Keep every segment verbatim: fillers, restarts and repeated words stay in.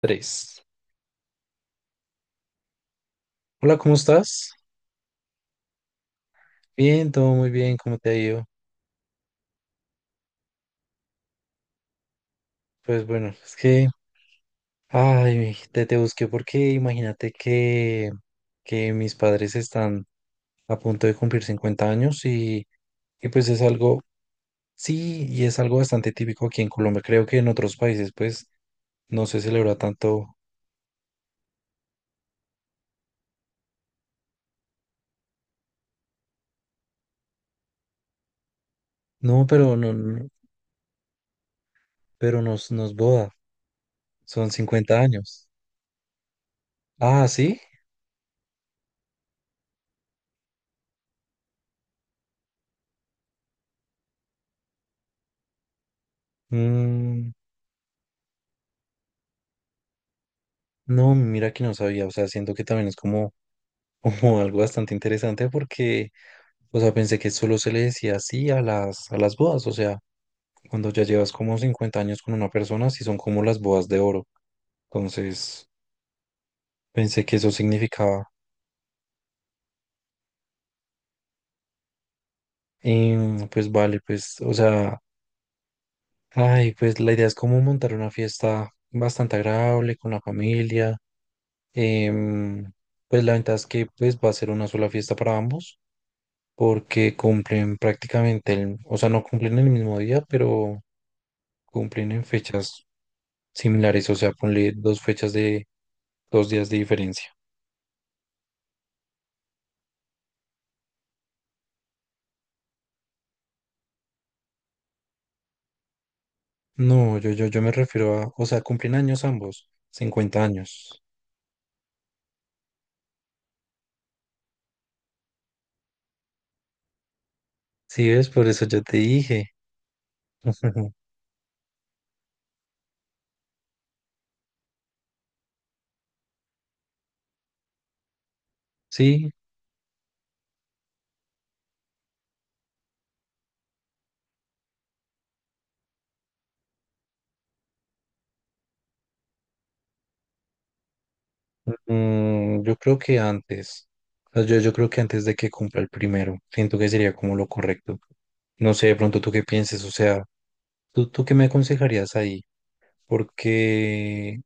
Tres. Hola, ¿cómo estás? Bien, todo muy bien, ¿cómo te ha ido? Pues bueno, es que, ay, te, te busqué porque imagínate que, que, mis padres están a punto de cumplir cincuenta años y, y pues es algo, sí, y es algo bastante típico aquí en Colombia. Creo que en otros países pues no se celebra tanto, no, pero no, no, pero nos, nos boda, son cincuenta años. Ah, ¿sí? Mm, no, mira que no sabía, o sea, siento que también es como Como algo bastante interesante porque, o sea, pensé que solo se le decía así a las, a las bodas, o sea, cuando ya llevas como cincuenta años con una persona, sí son como las bodas de oro. Entonces, pensé que eso significaba, em, pues vale, pues, o sea, ay, pues la idea es como montar una fiesta bastante agradable con la familia. em, pues la ventaja es que pues va a ser una sola fiesta para ambos porque cumplen prácticamente el, o sea, no cumplen el mismo día, pero cumplen en fechas similares, o sea, ponle dos fechas de dos días de diferencia. No, yo, yo, yo me refiero a, o sea, cumplen años ambos, cincuenta años. Sí, es por eso yo te dije. Sí, mm, yo creo que antes, o sea, yo, yo creo que antes de que cumpla el primero, siento que sería como lo correcto. No sé, de pronto tú qué pienses, o sea, ¿tú, tú qué me aconsejarías ahí? Porque,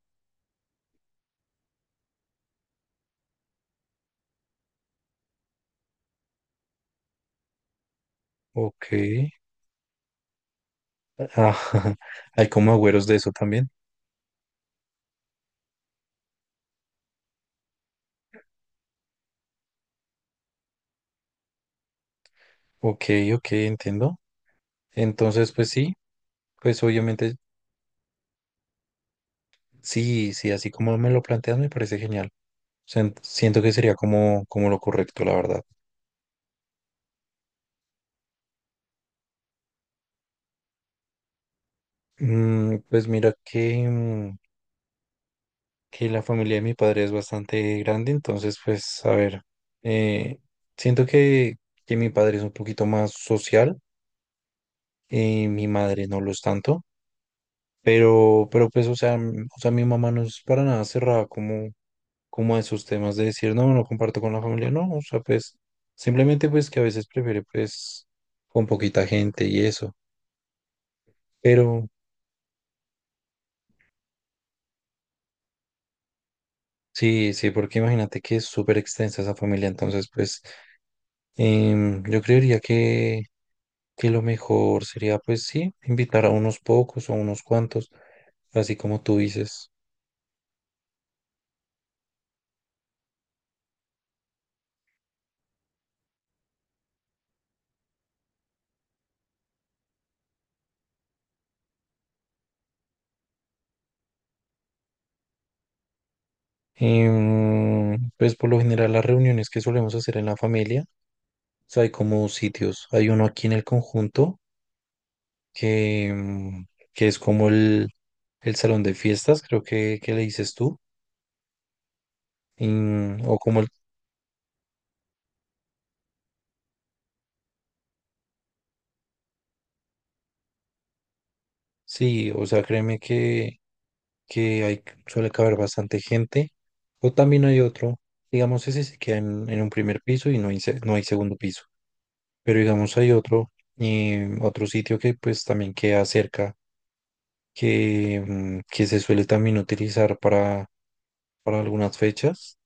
ok, ah, hay como agüeros de eso también. Ok, ok, entiendo. Entonces, pues sí. Pues obviamente, sí, sí, así como me lo planteas, me parece genial. Sen- siento que sería como, como, lo correcto, la verdad. Mm, pues mira que, mm, que la familia de mi padre es bastante grande, entonces, pues, a ver, eh, siento que, que mi padre es un poquito más social, eh, mi madre no lo es tanto, pero, pero pues, o sea, mm, o sea, mi mamá no es para nada cerrada, como como a esos temas de decir, no, no comparto con la familia, no, o sea, pues simplemente pues que a veces prefiere pues con poquita gente y eso, pero sí, sí, porque imagínate que es súper extensa esa familia, entonces pues em, yo creería que, que lo mejor sería pues sí, invitar a unos pocos o a unos cuantos, así como tú dices. Em, pues por lo general las reuniones que solemos hacer en la familia, o sea, hay como sitios, hay uno aquí en el conjunto que, mm, que es como el, el salón de fiestas, creo que, que le dices tú, mm, o como el, sí, o sea, créeme que, que hay, suele caber bastante gente, o también hay otro, digamos, ese se queda en, en un primer piso y no hay, se- no hay segundo piso, pero digamos hay otro, eh, otro sitio que pues también queda cerca, que, mm, que se suele también utilizar para, para algunas fechas,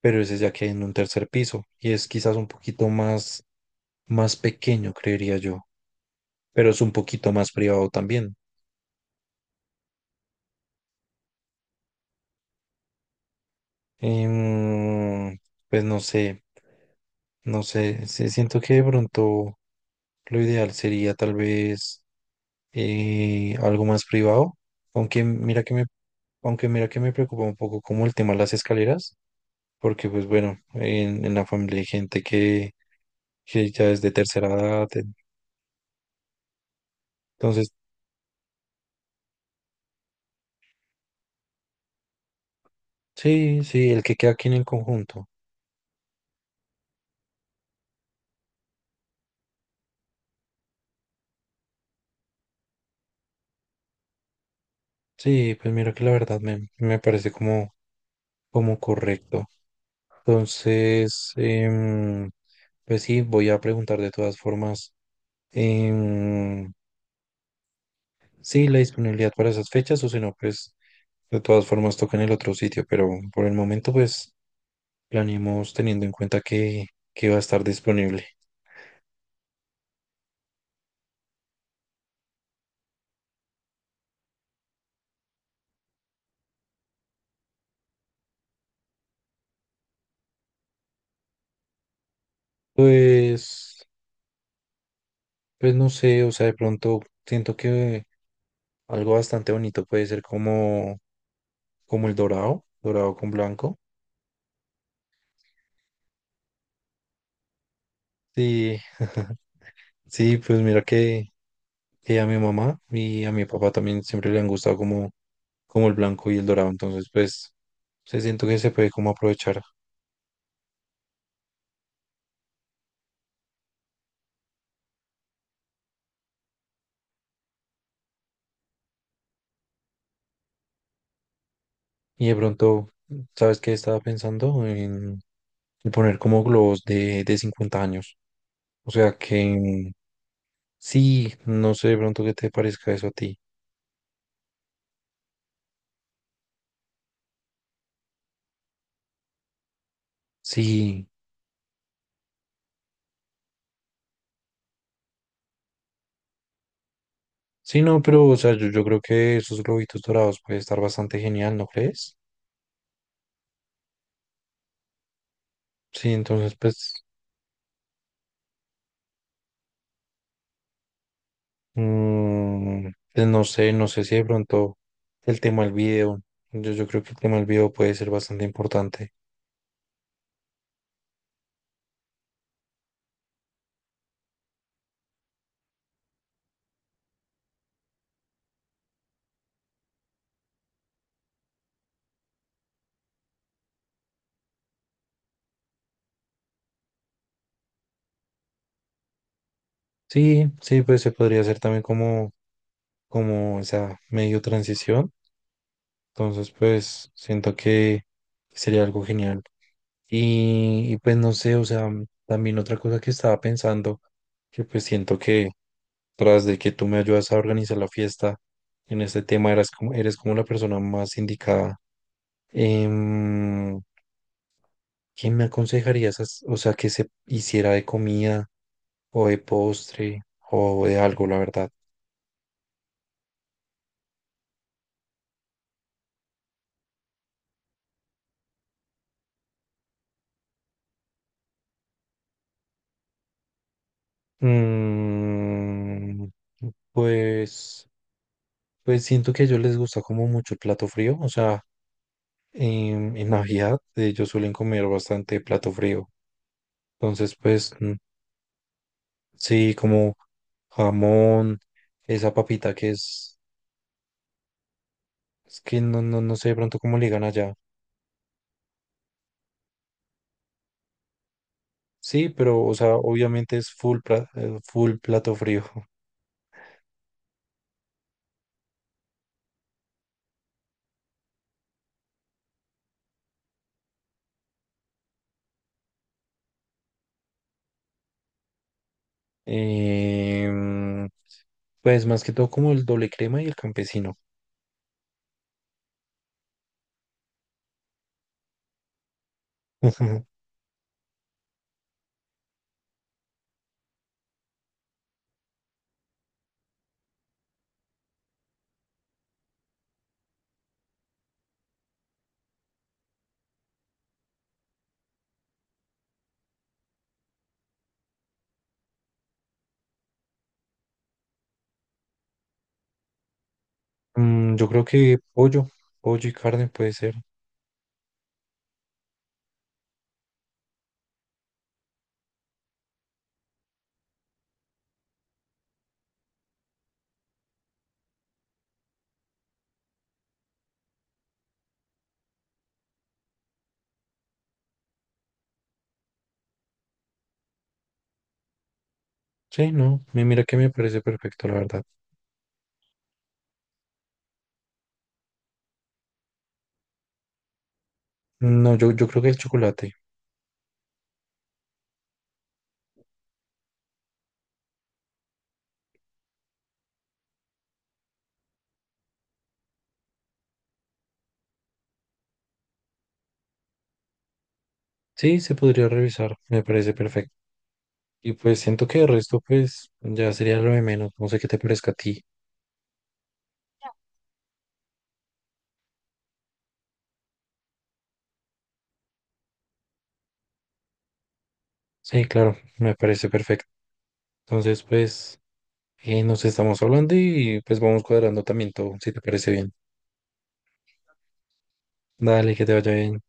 pero ese ya queda en un tercer piso y es quizás un poquito más más pequeño, creería yo, pero es un poquito más privado también. Em, pues no sé, no sé, sí, siento que de pronto lo ideal sería tal vez eh, algo más privado, aunque mira que me, aunque mira que me preocupa un poco como el tema de las escaleras, porque pues bueno, en, en la familia hay gente que, que, ya es de tercera edad, entonces sí, sí, el que queda aquí en el conjunto, sí, pues mira que la verdad me, me parece como, como correcto. Entonces, em, pues sí, voy a preguntar de todas formas em, sí, la disponibilidad para esas fechas o si no, pues de todas formas toca en el otro sitio, pero por el momento pues planeemos teniendo en cuenta que, que, va a estar disponible. Pues, pues no sé, o sea, de pronto siento que algo bastante bonito puede ser como, como el dorado, dorado con blanco. Sí, sí, pues mira que... que a mi mamá y a mi papá también siempre le han gustado como, como el blanco y el dorado. Entonces, pues, se siento que se puede como aprovechar. Y de pronto, ¿sabes qué? Estaba pensando en, en poner como globos de, de cincuenta años. O sea que sí, no sé de pronto qué te parezca eso a ti. Sí, sí, no, pero o sea, yo, yo creo que esos globitos dorados puede estar bastante genial, ¿no crees? Sí, entonces, pues. Mm, pues no sé, no sé si de pronto el tema del video. Yo, yo creo que el tema del video puede ser bastante importante. Sí, sí, pues se podría hacer también como, como esa medio transición. Entonces, pues siento que sería algo genial. Y, y pues no sé, o sea, también otra cosa que estaba pensando, que pues siento que tras de que tú me ayudas a organizar la fiesta en este tema, eras como, eres como la persona más indicada. Em, ¿Qué me aconsejarías, as- o sea, que se hiciera de comida o de postre o de algo, la verdad? Mm, pues, pues siento que a ellos les gusta como mucho el plato frío, o sea, en, en Navidad ellos suelen comer bastante plato frío, entonces pues mm, sí, como jamón, esa papita que es, es que no, no, no sé de pronto cómo le digan allá. Sí, pero, o sea, obviamente es full, pla- eh, full plato frío. Em, Pues más que todo como el doble crema y el campesino. Mm, yo creo que pollo, pollo y carne puede ser. Sí, no, mi- mira que me parece perfecto, la verdad. No, yo, yo creo que el chocolate. Sí, se podría revisar, me parece perfecto. Y pues siento que el resto pues ya sería lo de menos, no sé qué te parezca a ti. Sí, claro, me parece perfecto. Entonces pues eh, nos estamos hablando y pues vamos cuadrando también todo, si te parece bien. Dale, que te vaya bien.